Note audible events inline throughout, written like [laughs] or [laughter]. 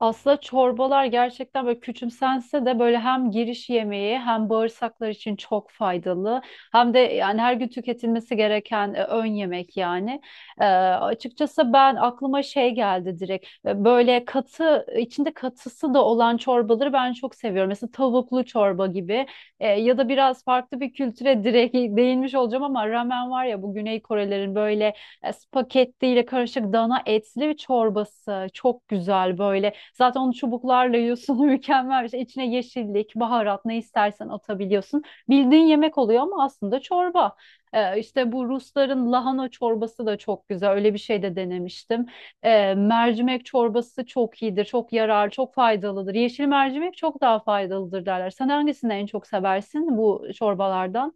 Aslında çorbalar gerçekten böyle küçümsense de böyle hem giriş yemeği hem bağırsaklar için çok faydalı. Hem de yani her gün tüketilmesi gereken ön yemek yani. Açıkçası ben aklıma şey geldi direkt. Böyle katı içinde katısı da olan çorbaları ben çok seviyorum. Mesela tavuklu çorba gibi. Ya da biraz farklı bir kültüre direkt değinmiş olacağım ama ramen var ya, bu Güney Korelerin böyle spagettiyle karışık dana etli çorbası çok güzel böyle. Zaten onu çubuklarla yiyorsun [laughs] mükemmel bir şey. İçine yeşillik, baharat ne istersen atabiliyorsun. Bildiğin yemek oluyor ama aslında çorba. E, işte bu Rusların lahana çorbası da çok güzel. Öyle bir şey de denemiştim. Mercimek çorbası çok iyidir, çok yarar, çok faydalıdır. Yeşil mercimek çok daha faydalıdır derler. Sen hangisini en çok seversin bu çorbalardan?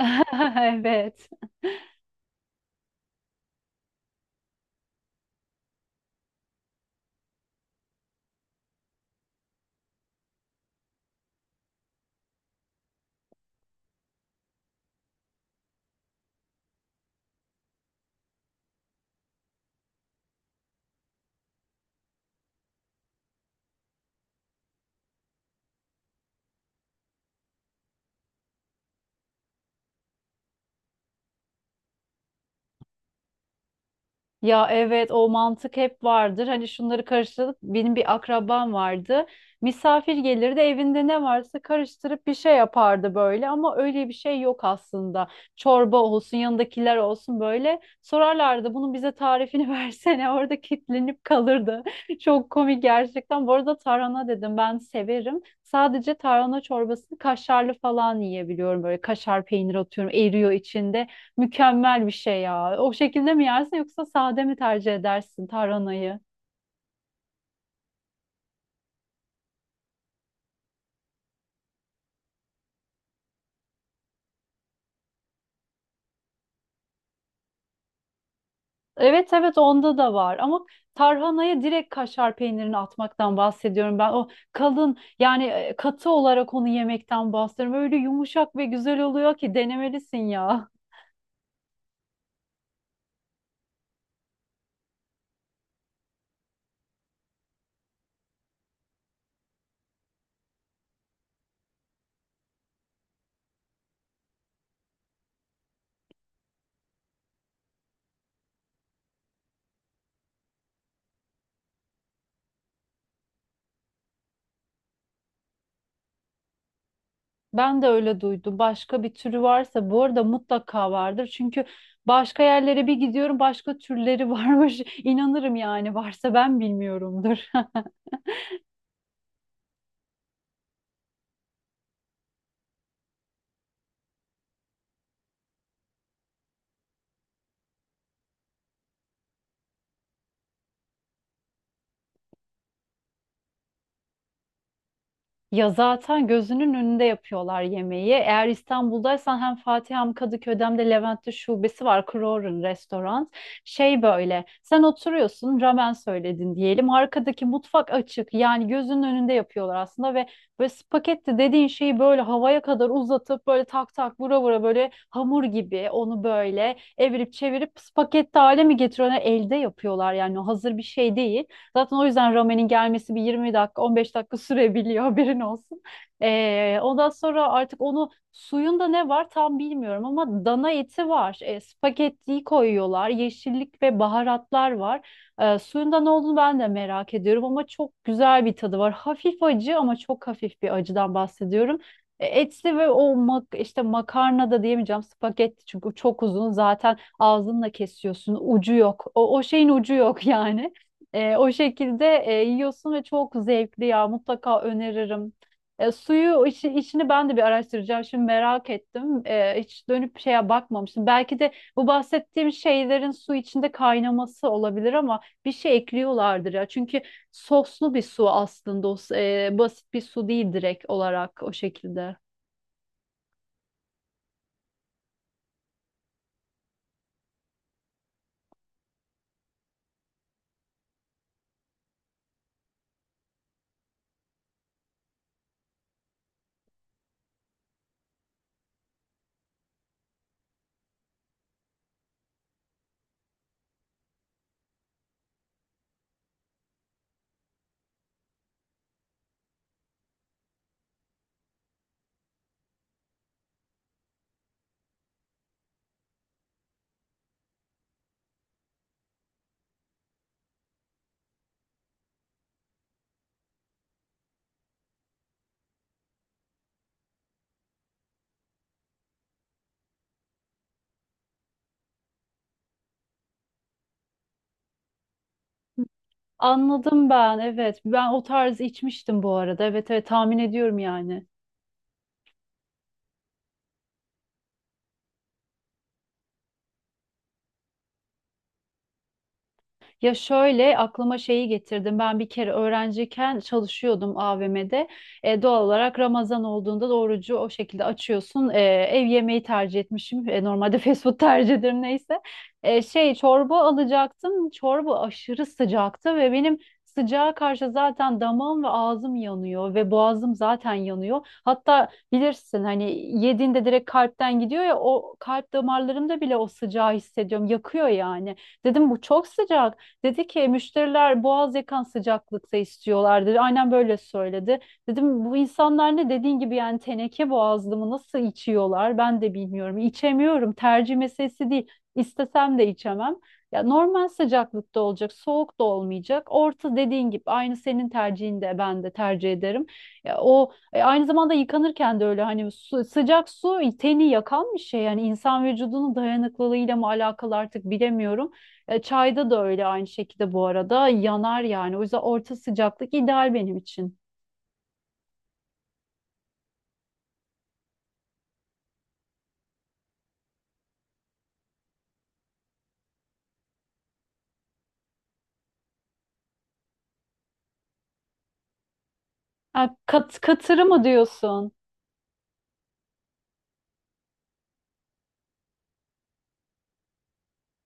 [laughs] Evet. Ya evet, o mantık hep vardır. Hani şunları karıştırıp, benim bir akrabam vardı. Misafir gelirdi, evinde ne varsa karıştırıp bir şey yapardı böyle, ama öyle bir şey yok aslında. Çorba olsun, yanındakiler olsun böyle sorarlardı bunun bize tarifini [laughs] versene, orada kilitlenip kalırdı. [laughs] Çok komik gerçekten. Bu arada tarhana dedim, ben severim. Sadece tarhana çorbasını kaşarlı falan yiyebiliyorum, böyle kaşar peynir atıyorum, eriyor içinde. Mükemmel bir şey ya. O şekilde mi yersin, yoksa sade mi tercih edersin tarhanayı? Evet, evet, onda da var ama tarhanaya direkt kaşar peynirini atmaktan bahsediyorum ben. O kalın yani, katı olarak onu yemekten bahsediyorum. Öyle yumuşak ve güzel oluyor ki, denemelisin ya. Ben de öyle duydum. Başka bir türü varsa bu arada mutlaka vardır. Çünkü başka yerlere bir gidiyorum, başka türleri varmış. [laughs] İnanırım yani, varsa ben bilmiyorumdur. [laughs] Ya zaten gözünün önünde yapıyorlar yemeği. Eğer İstanbul'daysan hem Fatih hem Kadıköy'de hem de Levent'te şubesi var. Kroger'ın restoran. Şey, böyle sen oturuyorsun, ramen söyledin diyelim. Arkadaki mutfak açık, yani gözünün önünde yapıyorlar aslında. Ve böyle spagetti dediğin şeyi böyle havaya kadar uzatıp, böyle tak tak vura vura, böyle hamur gibi onu böyle evirip çevirip spagetti hale mi getiriyorlar? Elde yapıyorlar yani, o hazır bir şey değil. Zaten o yüzden ramenin gelmesi bir 20 dakika, 15 dakika sürebiliyor [laughs] haberin olsun. Ondan sonra artık onu, suyunda ne var tam bilmiyorum, ama dana eti var. Spagettiyi koyuyorlar. Yeşillik ve baharatlar var. Suyunda ne olduğunu ben de merak ediyorum, ama çok güzel bir tadı var. Hafif acı, ama çok hafif bir acıdan bahsediyorum. Etli ve o işte makarna da diyemeyeceğim, spagetti çünkü çok uzun, zaten ağzınla kesiyorsun, ucu yok, o şeyin ucu yok [laughs] yani o şekilde yiyorsun ve çok zevkli ya, mutlaka öneririm. Suyu işini ben de bir araştıracağım. Şimdi merak ettim. Hiç dönüp şeye bakmamıştım. Belki de bu bahsettiğim şeylerin su içinde kaynaması olabilir, ama bir şey ekliyorlardır ya. Çünkü soslu bir su aslında. O basit bir su değil direkt olarak, o şekilde. Anladım ben, evet. Ben o tarz içmiştim bu arada. Evet, evet, tahmin ediyorum yani. Ya şöyle aklıma şeyi getirdim. Ben bir kere öğrenciyken çalışıyordum AVM'de. Doğal olarak Ramazan olduğunda da orucu o şekilde açıyorsun. Ev yemeği tercih etmişim. Normalde [laughs] fast food tercih ederim, neyse. Şey çorba alacaktım. Çorba aşırı sıcaktı ve benim, sıcağa karşı zaten damağım ve ağzım yanıyor ve boğazım zaten yanıyor. Hatta bilirsin hani, yediğinde direkt kalpten gidiyor ya, o kalp damarlarımda bile o sıcağı hissediyorum. Yakıyor yani. Dedim bu çok sıcak. Dedi ki müşteriler boğaz yakan sıcaklıkta istiyorlar, dedi. Aynen böyle söyledi. Dedim bu insanlar ne dediğin gibi yani, teneke boğazlı mı, nasıl içiyorlar ben de bilmiyorum. İçemiyorum, tercih meselesi değil. İstesem de içemem. Ya normal sıcaklıkta olacak, soğuk da olmayacak. Orta, dediğin gibi, aynı senin tercihin de, ben de tercih ederim. Ya o aynı zamanda yıkanırken de öyle, hani sıcak su teni yakan bir şey, yani insan vücudunun dayanıklılığıyla mı alakalı artık bilemiyorum. Çayda da öyle aynı şekilde bu arada yanar yani. O yüzden orta sıcaklık ideal benim için. Ha, katırı mı diyorsun?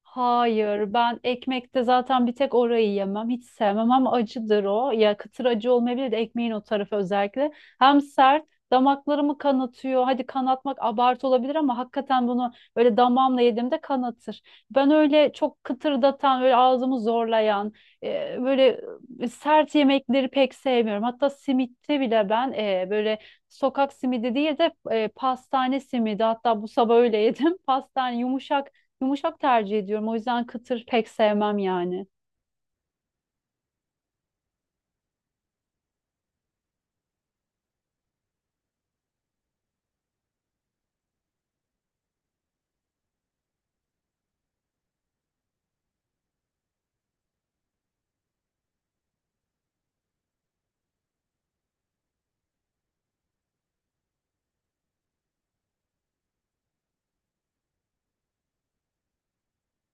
Hayır, ben ekmekte zaten bir tek orayı yemem. Hiç sevmem, ama acıdır o. Ya kıtır acı olmayabilir de, ekmeğin o tarafı özellikle. Hem sert, damaklarımı kanatıyor. Hadi kanatmak abartı olabilir, ama hakikaten bunu böyle damağımla yediğimde kanatır. Ben öyle çok kıtırdatan, böyle ağzımı zorlayan, e, böyle sert yemekleri pek sevmiyorum. Hatta simitte bile ben böyle sokak simidi değil de pastane simidi. Hatta bu sabah öyle yedim. [laughs] Pastane yumuşak, yumuşak tercih ediyorum. O yüzden kıtır pek sevmem yani.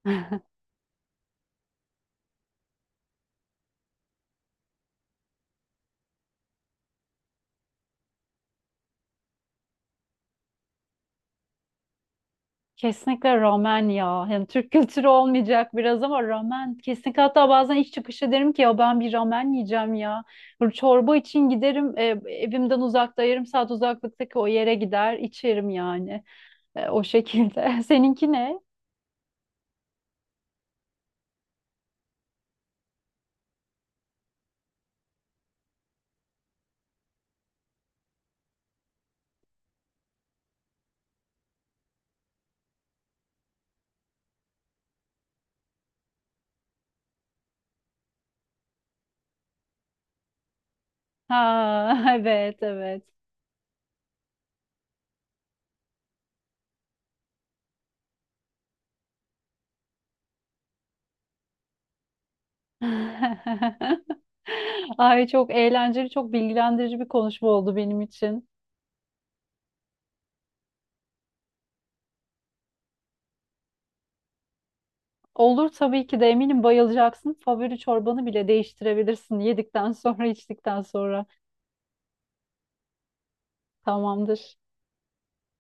[laughs] Kesinlikle ramen ya. Yani Türk kültürü olmayacak biraz, ama ramen. Kesinlikle, hatta bazen iş çıkışı derim ki ya, ben bir ramen yiyeceğim ya. Böyle çorba için giderim, evimden uzakta 30 dakika uzaklıktaki o yere gider içerim yani. O şekilde. [laughs] Seninki ne? Ha [laughs] evet, evet. [laughs] Ay, çok eğlenceli, çok bilgilendirici bir konuşma oldu benim için. Olur tabii ki de, eminim bayılacaksın. Favori çorbanı bile değiştirebilirsin yedikten sonra, içtikten sonra. Tamamdır.